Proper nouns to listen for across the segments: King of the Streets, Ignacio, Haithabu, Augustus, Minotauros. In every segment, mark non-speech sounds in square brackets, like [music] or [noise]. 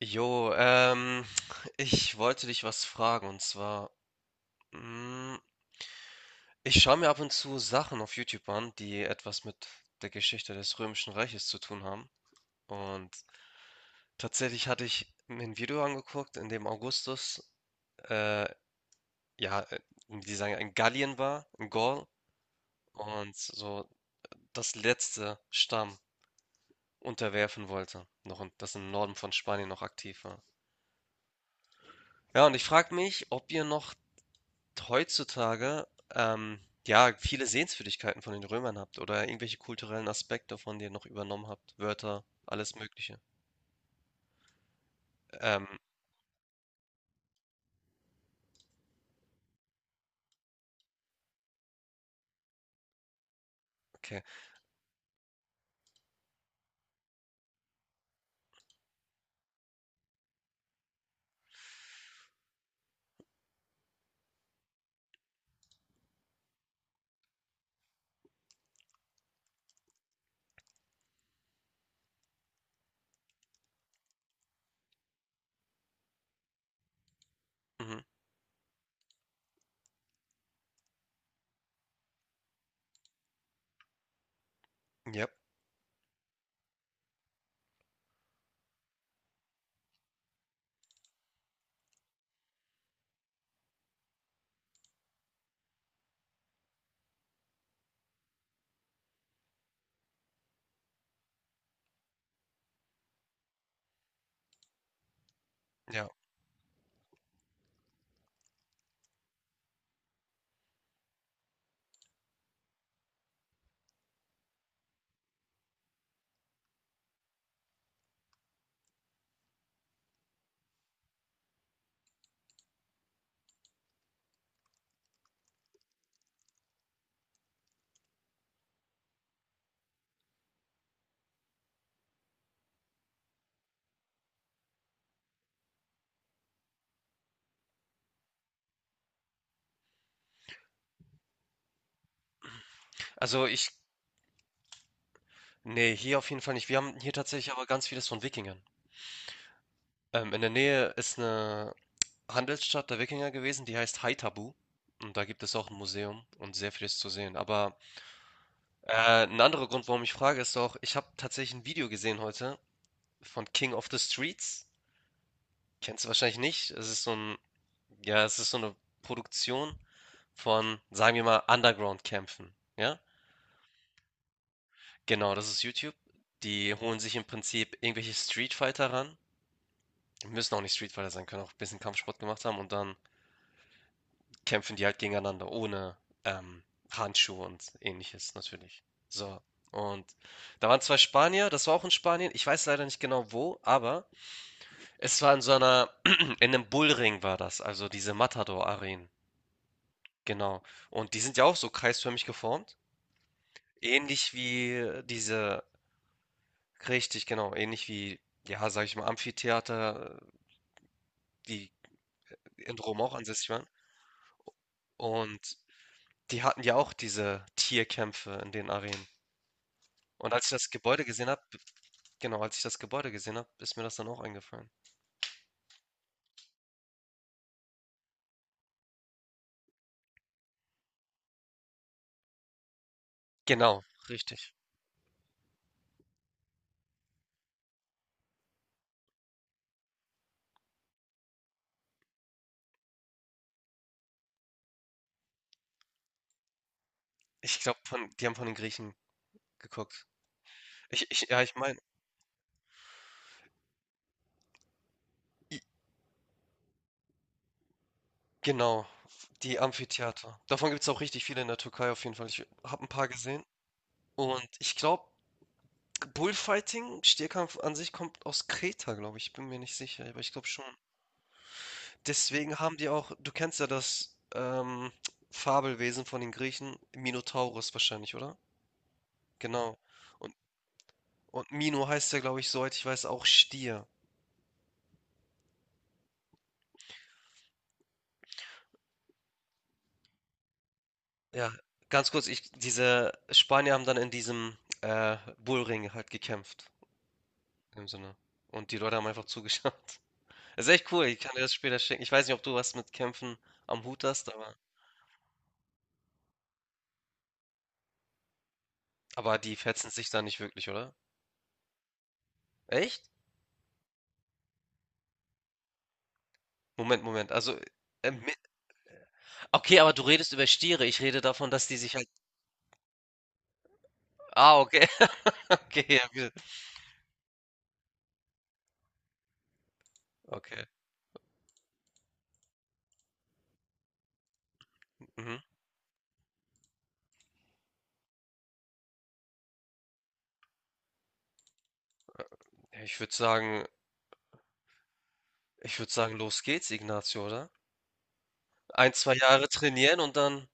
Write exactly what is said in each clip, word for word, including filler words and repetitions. Jo, ähm, ich wollte dich was fragen, und zwar, mm, ich schaue mir ab und zu Sachen auf YouTube an, die etwas mit der Geschichte des Römischen Reiches zu tun haben. Und tatsächlich hatte ich mir ein Video angeguckt, in dem Augustus, äh, ja, äh, die sagen, in Gallien war, in Gaul, und so das letzte Stamm unterwerfen wollte, noch in, das im Norden von Spanien noch aktiv war. Ja, und ich frage mich, ob ihr noch heutzutage, ähm, ja, viele Sehenswürdigkeiten von den Römern habt oder irgendwelche kulturellen Aspekte von denen noch übernommen habt, Wörter, alles Mögliche. Ähm, okay. Mhm. Ja, ja. Also ich, nee, hier auf jeden Fall nicht. Wir haben hier tatsächlich aber ganz vieles von Wikingern. Ähm, in der Nähe ist eine Handelsstadt der Wikinger gewesen, die heißt Haithabu. Und da gibt es auch ein Museum und sehr vieles zu sehen. Aber äh, ein anderer Grund, warum ich frage, ist auch, ich habe tatsächlich ein Video gesehen heute von King of the Streets. Kennst du wahrscheinlich nicht. Es ist so ein, ja, es ist so eine Produktion von, sagen wir mal, Underground-Kämpfen. Ja? Genau, das ist YouTube. Die holen sich im Prinzip irgendwelche Street Fighter ran. Müssen auch nicht Street Fighter sein, können auch ein bisschen Kampfsport gemacht haben, und dann kämpfen die halt gegeneinander ohne ähm, Handschuhe und Ähnliches natürlich. So. Und da waren zwei Spanier, das war auch in Spanien. Ich weiß leider nicht genau wo, aber es war in so einer, [clears throat] in einem Bullring war das, also diese Matador-Arenen. Genau. Und die sind ja auch so kreisförmig geformt. Ähnlich wie äh, diese, richtig, genau, ähnlich wie, ja, sag ich mal, Amphitheater, die in Rom auch ansässig waren. Und die hatten ja auch diese Tierkämpfe in den Arenen. Und als ich das Gebäude gesehen habe, genau, als ich das Gebäude gesehen habe, ist mir das dann auch eingefallen. Genau, richtig. Ich glaube, von, die haben von den Griechen geguckt. Ich, ich, ja, ich meine, genau, die Amphitheater. Davon gibt es auch richtig viele in der Türkei auf jeden Fall. Ich habe ein paar gesehen. Und ich glaube, Bullfighting, Stierkampf an sich kommt aus Kreta, glaube ich. Ich bin mir nicht sicher, aber ich glaube schon. Deswegen haben die auch, du kennst ja das ähm, Fabelwesen von den Griechen, Minotauros wahrscheinlich, oder? Genau. Und, und Mino heißt ja, glaube ich, soweit ich weiß, auch Stier. Ja, ganz kurz, ich, diese Spanier haben dann in diesem äh, Bullring halt gekämpft, im Sinne. Und die Leute haben einfach zugeschaut. [laughs] Das ist echt cool, ich kann dir das später schicken. Ich weiß nicht, ob du was mit Kämpfen am Hut hast, aber. Aber die fetzen sich da nicht wirklich, oder? Echt? Moment, Moment. Also, äh, mit, okay, aber du redest über Stiere. Ich rede davon, dass die sich halt. Ah, okay, [laughs] okay, ja, gut. Okay. Mhm. Ja, ich würde sagen, ich würde sagen, los geht's, Ignacio, oder? Ein, zwei Jahre trainieren und dann.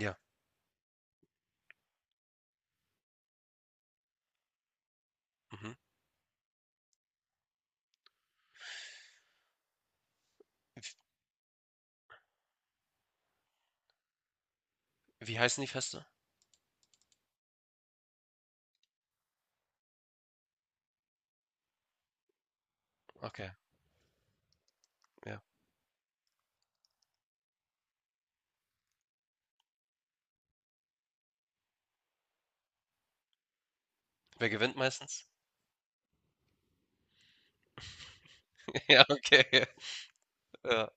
Ja. Mhm. W- Wie heißen die Feste? Okay, ja. Wer gewinnt meistens? [laughs] Ja, okay. Ja, ja,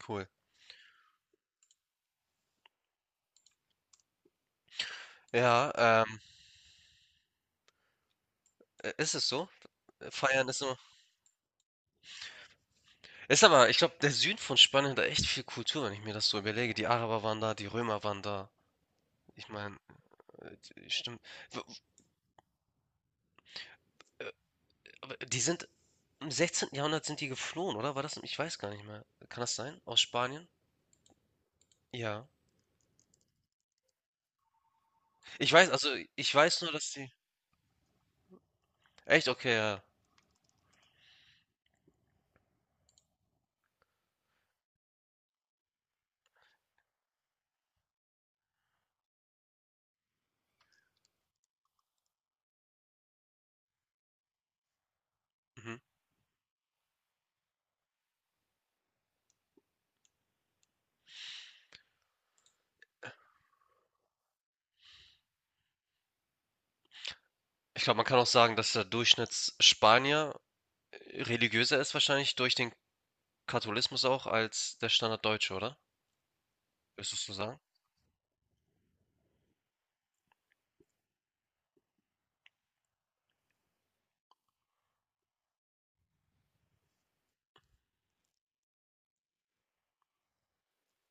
cool. Ja, ähm, äh, ist es so? Feiern ist immer. Ist aber, ich glaube, der Süden von Spanien hat da echt viel Kultur, wenn ich mir das so überlege. Die Araber waren da, die Römer waren da. Ich meine, stimmt. W- w- äh, aber die sind im sechzehnten. Jahrhundert sind die geflohen, oder? War das? Ich weiß gar nicht mehr. Kann das sein? Aus Spanien? Ja. Ich weiß, also ich weiß nur, dass die. Echt? Okay, ja. Mhm. Ich glaube, man kann auch sagen, dass der Durchschnittsspanier äh, religiöser ist wahrscheinlich durch den Katholismus auch als der Standarddeutsche, oder? Würdest du so sagen?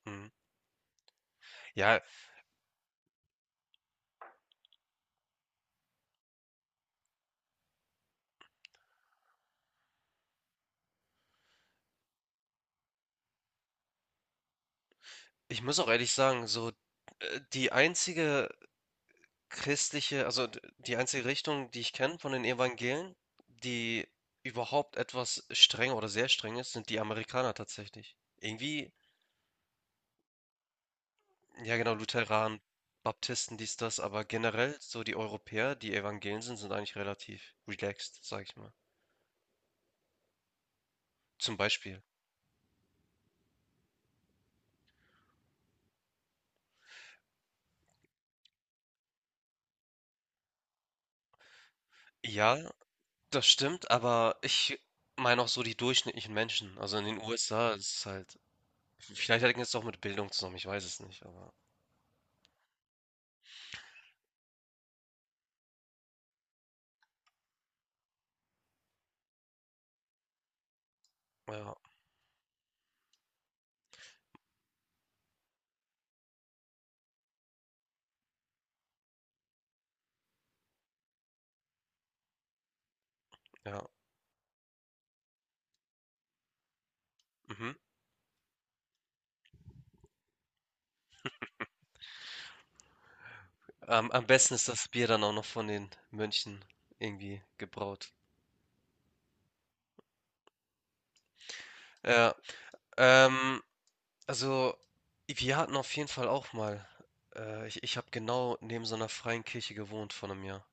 Mhm. Ja, ich muss auch ehrlich sagen, so, äh, die einzige christliche, also, d die einzige Richtung, die ich kenne von den Evangelien, die überhaupt etwas strenger oder sehr streng ist, sind die Amerikaner tatsächlich. Irgendwie ja genau, Lutheranen, Baptisten, dies, das, aber generell so die Europäer, die Evangelien sind, sind eigentlich relativ relaxed, sage ich mal. Zum Beispiel. Ja, das stimmt, aber ich meine auch so die durchschnittlichen Menschen. Also, in den U S A ist es halt vielleicht hängt es auch mit Bildung zusammen, ich weiß es nicht, aber ja, ja. Mhm. Am am besten ist das Bier dann auch noch von den Mönchen irgendwie gebraut. Ja, ähm, also wir hatten auf jeden Fall auch mal, äh, ich, ich habe genau neben so einer freien Kirche gewohnt vor einem Jahr.